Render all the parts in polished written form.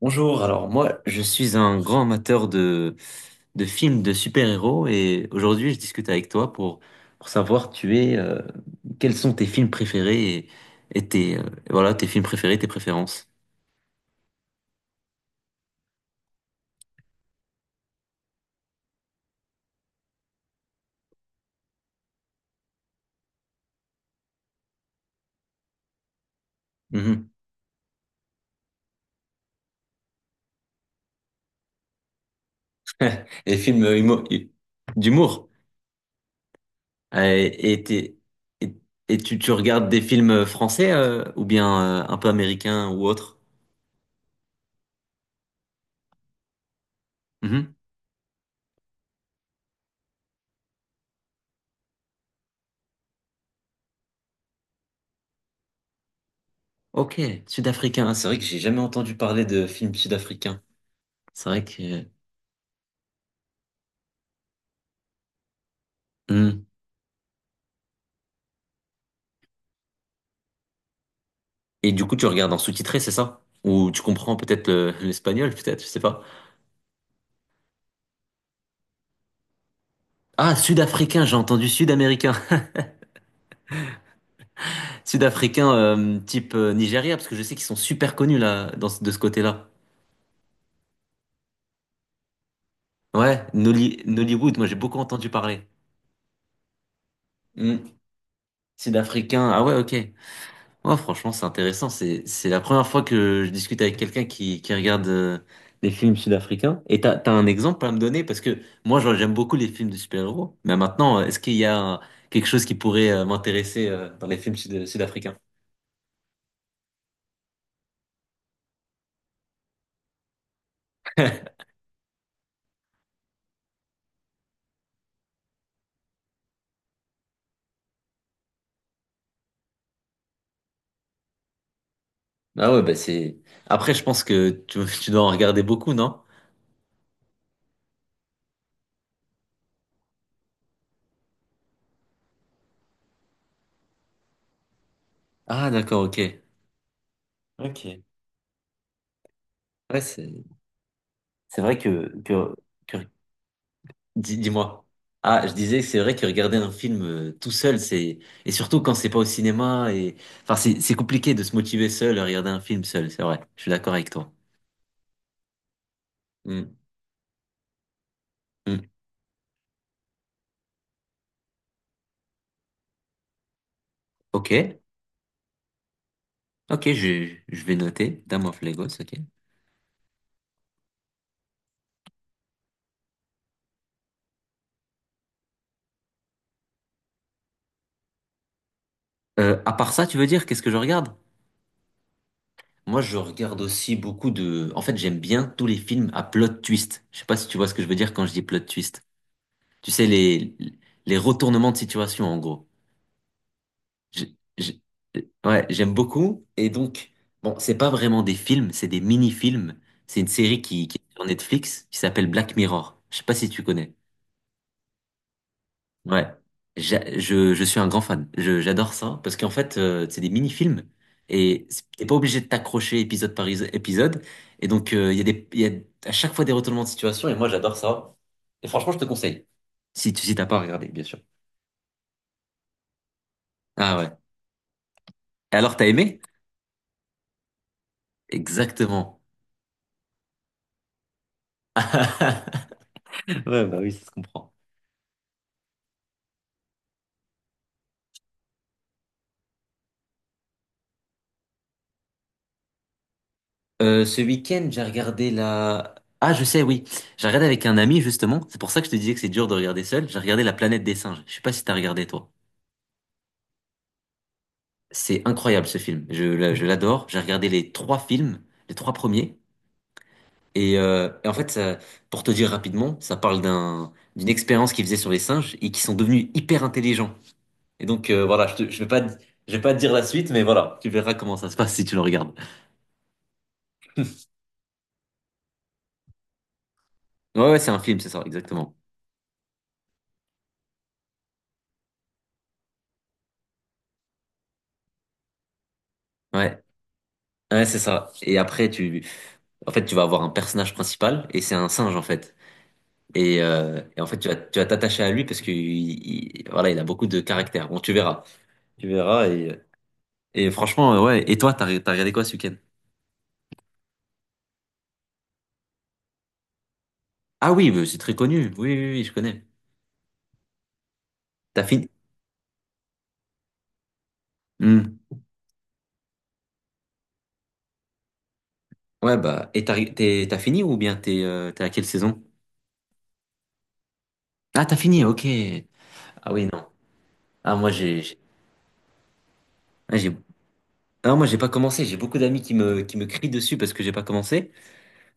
Bonjour, alors moi je suis un grand amateur de films de super-héros et aujourd'hui je discute avec toi pour savoir tu es, quels sont tes films préférés et voilà, tes films préférés, tes préférences. Mhm. Les films d'humour. Et, et- et tu regardes des films français ou bien un peu américains ou autres? Mhm. Ok, sud-africain, c'est vrai que j'ai jamais entendu parler de films sud-africains. C'est vrai que... Hmm. Et du coup, tu regardes en sous-titré, c'est ça? Ou tu comprends peut-être l'espagnol, peut-être, je sais pas. Ah, sud-africain, j'ai entendu sud-américain. Sud-africain type Nigeria, parce que je sais qu'ils sont super connus là, de ce côté-là. Ouais, Nollywood, moi j'ai beaucoup entendu parler. Hmm. Sud-africain, ah ouais, ok. Ouais, franchement, c'est intéressant. C'est la première fois que je discute avec quelqu'un qui regarde des films sud-africains. Et t'as un exemple à me donner? Parce que moi, genre, j'aime beaucoup les films de super-héros. Mais maintenant, est-ce qu'il y a un- quelque chose qui pourrait m'intéresser dans les films sud-africains? Ah ouais, bah c'est... Après, je pense que tu dois en regarder beaucoup, non? Ah, d'accord, ok. Ok. Ouais, c'est vrai que dis-moi. Ah, je disais que c'est vrai que regarder un film tout seul, c'est et surtout quand c'est pas au cinéma et enfin c'est compliqué de se motiver seul à regarder un film seul, c'est vrai. Je suis d'accord avec toi. Hmm, hmm. Ok, ok, je vais noter. Dame of Lagos, ok. À part ça, tu veux dire qu'est-ce que je regarde? Moi, je regarde aussi beaucoup de. En fait, j'aime bien tous les films à plot twist. Je sais pas si tu vois ce que je veux dire quand je dis plot twist. Tu sais les retournements de situation en gros. Je- je- ouais, j'aime beaucoup. Et donc, bon, c'est pas vraiment des films, c'est des mini-films. C'est une série qui est sur Netflix qui s'appelle Black Mirror. Je sais pas si tu connais. Ouais. Je suis un grand fan. J'adore ça parce qu'en fait, c'est des mini-films et t'es pas obligé de t'accrocher épisode par épisode. Et donc, il y a il y a à chaque fois des retournements de situation et moi, j'adore ça. Et franchement, je te conseille. Si si t'as pas regardé, bien sûr. Ah ouais. Et alors, t'as aimé? Exactement. Ouais, bah oui, ça se comprend. Ce week-end, j'ai regardé la... Ah, je sais, oui. J'ai regardé avec un ami, justement. C'est pour ça que je te disais que c'est dur de regarder seul. J'ai regardé La Planète des Singes. Je sais pas si t'as regardé, toi. C'est incroyable, ce film. Je l'adore. J'ai regardé les trois films, les trois premiers. Et en fait, ça, pour te dire rapidement, ça parle d'une expérience qu'ils faisaient sur les singes et qui sont devenus hyper intelligents. Et donc, voilà, je vais pas, je vais pas te dire la suite, mais voilà, tu verras comment ça se passe si tu le regardes. Ouais, ouais, c'est un film, c'est ça, exactement. Ouais. Ouais, c'est ça. Et après, en fait, tu vas avoir un personnage principal et c'est un singe en fait. Et en fait, tu vas t'attacher à lui parce que voilà, il a beaucoup de caractère. Bon, tu verras, tu verras. Et franchement, ouais. Et toi, t'as regardé quoi ce week-end? Ah oui, bah, c'est très connu. Oui, oui, oui, je connais. T'as fini? Hmm. Ouais, bah, et t'as fini ou bien t'es à quelle saison? Ah, t'as fini, ok. Ah oui, non. Ah moi, ah, j'ai- ah, moi, j'ai pas commencé. J'ai beaucoup d'amis qui qui me crient dessus parce que j'ai pas commencé.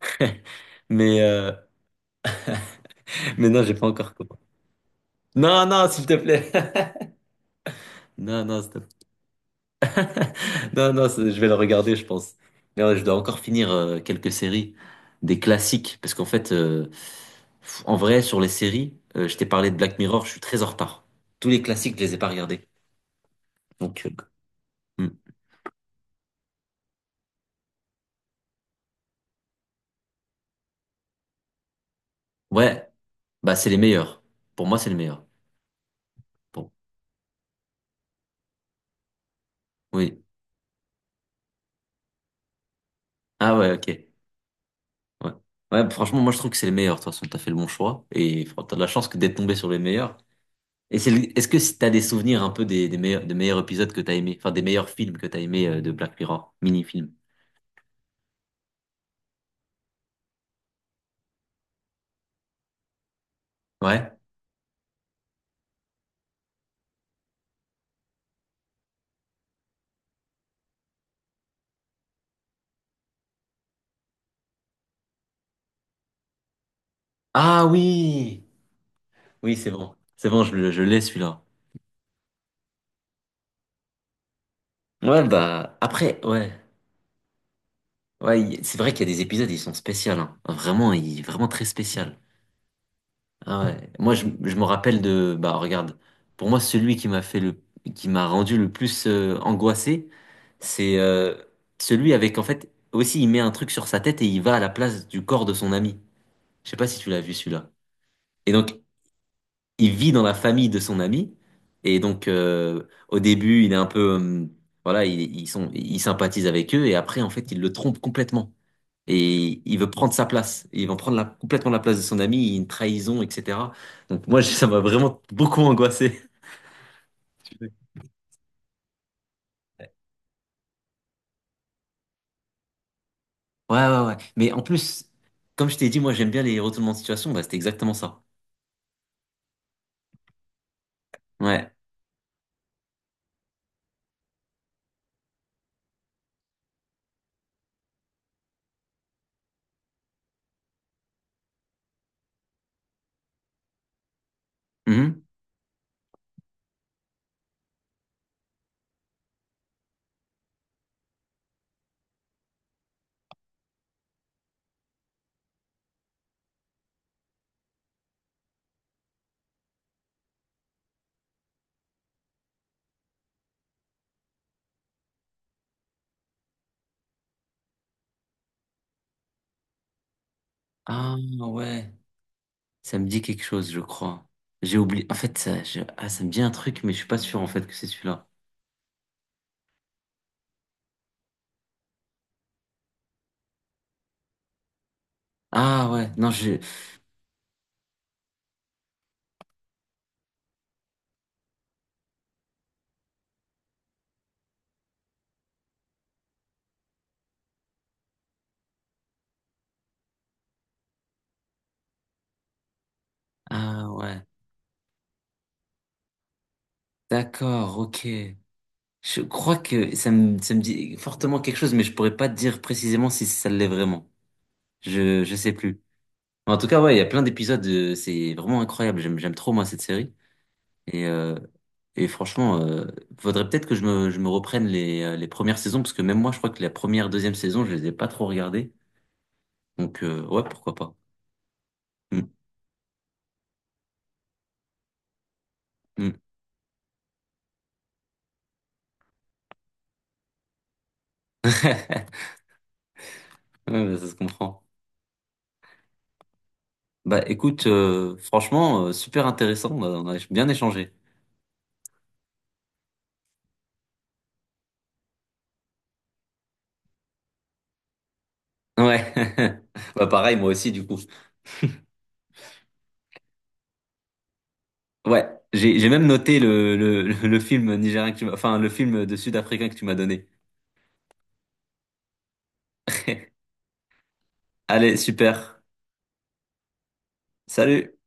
Mais, euh, Mais non, j'ai pas encore compris. Non, non, s'il te plaît. Non, non, s'il te plaît. Non, non, je vais le regarder, je pense. Mais ouais, je dois encore finir quelques séries, des classiques, parce qu'en fait, en vrai, sur les séries, je t'ai parlé de Black Mirror, je suis très en retard. Tous les classiques, je les ai pas regardés. Donc, hmm. Ouais, bah c'est les meilleurs. Pour moi, c'est les meilleurs. Bon, oui. Ah ouais, ok. Ouais. Ouais, franchement, moi je trouve que c'est les meilleurs. De toute façon, t'as fait le bon choix et t'as de la chance que d'être tombé sur les meilleurs. Et est-ce que si t'as des souvenirs un peu des meilleurs épisodes que t'as aimé, enfin des meilleurs films que t'as aimé de Black Mirror, mini-film? Ouais. Ah oui! Oui, c'est bon. C'est bon, je l'ai celui-là. Ouais, bah, après, ouais. Ouais, c'est vrai qu'il y a des épisodes, ils sont spéciaux, hein. Vraiment, il, vraiment très spécial. Ah ouais. Moi, je me rappelle de, bah, regarde, pour moi, celui qui m'a fait le, qui m'a rendu le plus angoissé, c'est celui avec, en fait, aussi, il met un truc sur sa tête et il va à la place du corps de son ami. Je sais pas si tu l'as vu celui-là. Et donc, il vit dans la famille de son ami. Et donc, au début, il est un peu, voilà, il sympathise avec eux. Et après, en fait, il le trompe complètement. Et il veut prendre sa place. Ils vont prendre complètement la place de son ami. Il y a Une trahison, etc. Donc, moi, ça m'a vraiment beaucoup angoissé. Ouais, ouais, ouais. Mais en plus, comme je t'ai dit, moi, j'aime bien les retournements de situation. Bah, c'était exactement ça. Ouais. Mhm. Ah, ouais. Ça me dit quelque chose, je crois. J'ai oublié. En fait, ah, ça me dit un truc, mais je suis pas sûr en fait que c'est celui-là. Ah ouais, non, je. Ah ouais. D'accord, ok. Je crois que ça me dit fortement quelque chose, mais je pourrais pas te dire précisément si ça l'est vraiment. Je sais plus. En tout cas, ouais, il y a plein d'épisodes. C'est vraiment incroyable. J'aime trop moi cette série. Et euh, et franchement, faudrait peut-être que je me reprenne les premières saisons, parce que même moi, je crois que la première, deuxième saison, je les ai pas trop regardées. Donc ouais, pourquoi pas. Hmm. Hmm. Ouais, bah, ça se comprend. Bah écoute, franchement, super intéressant, on a bien échangé. Ouais, bah pareil, moi aussi du coup. Ouais, j'ai même noté le film nigérien que tu m'as, enfin le film de Sud-Africain que tu m'as donné. Allez, super. Salut!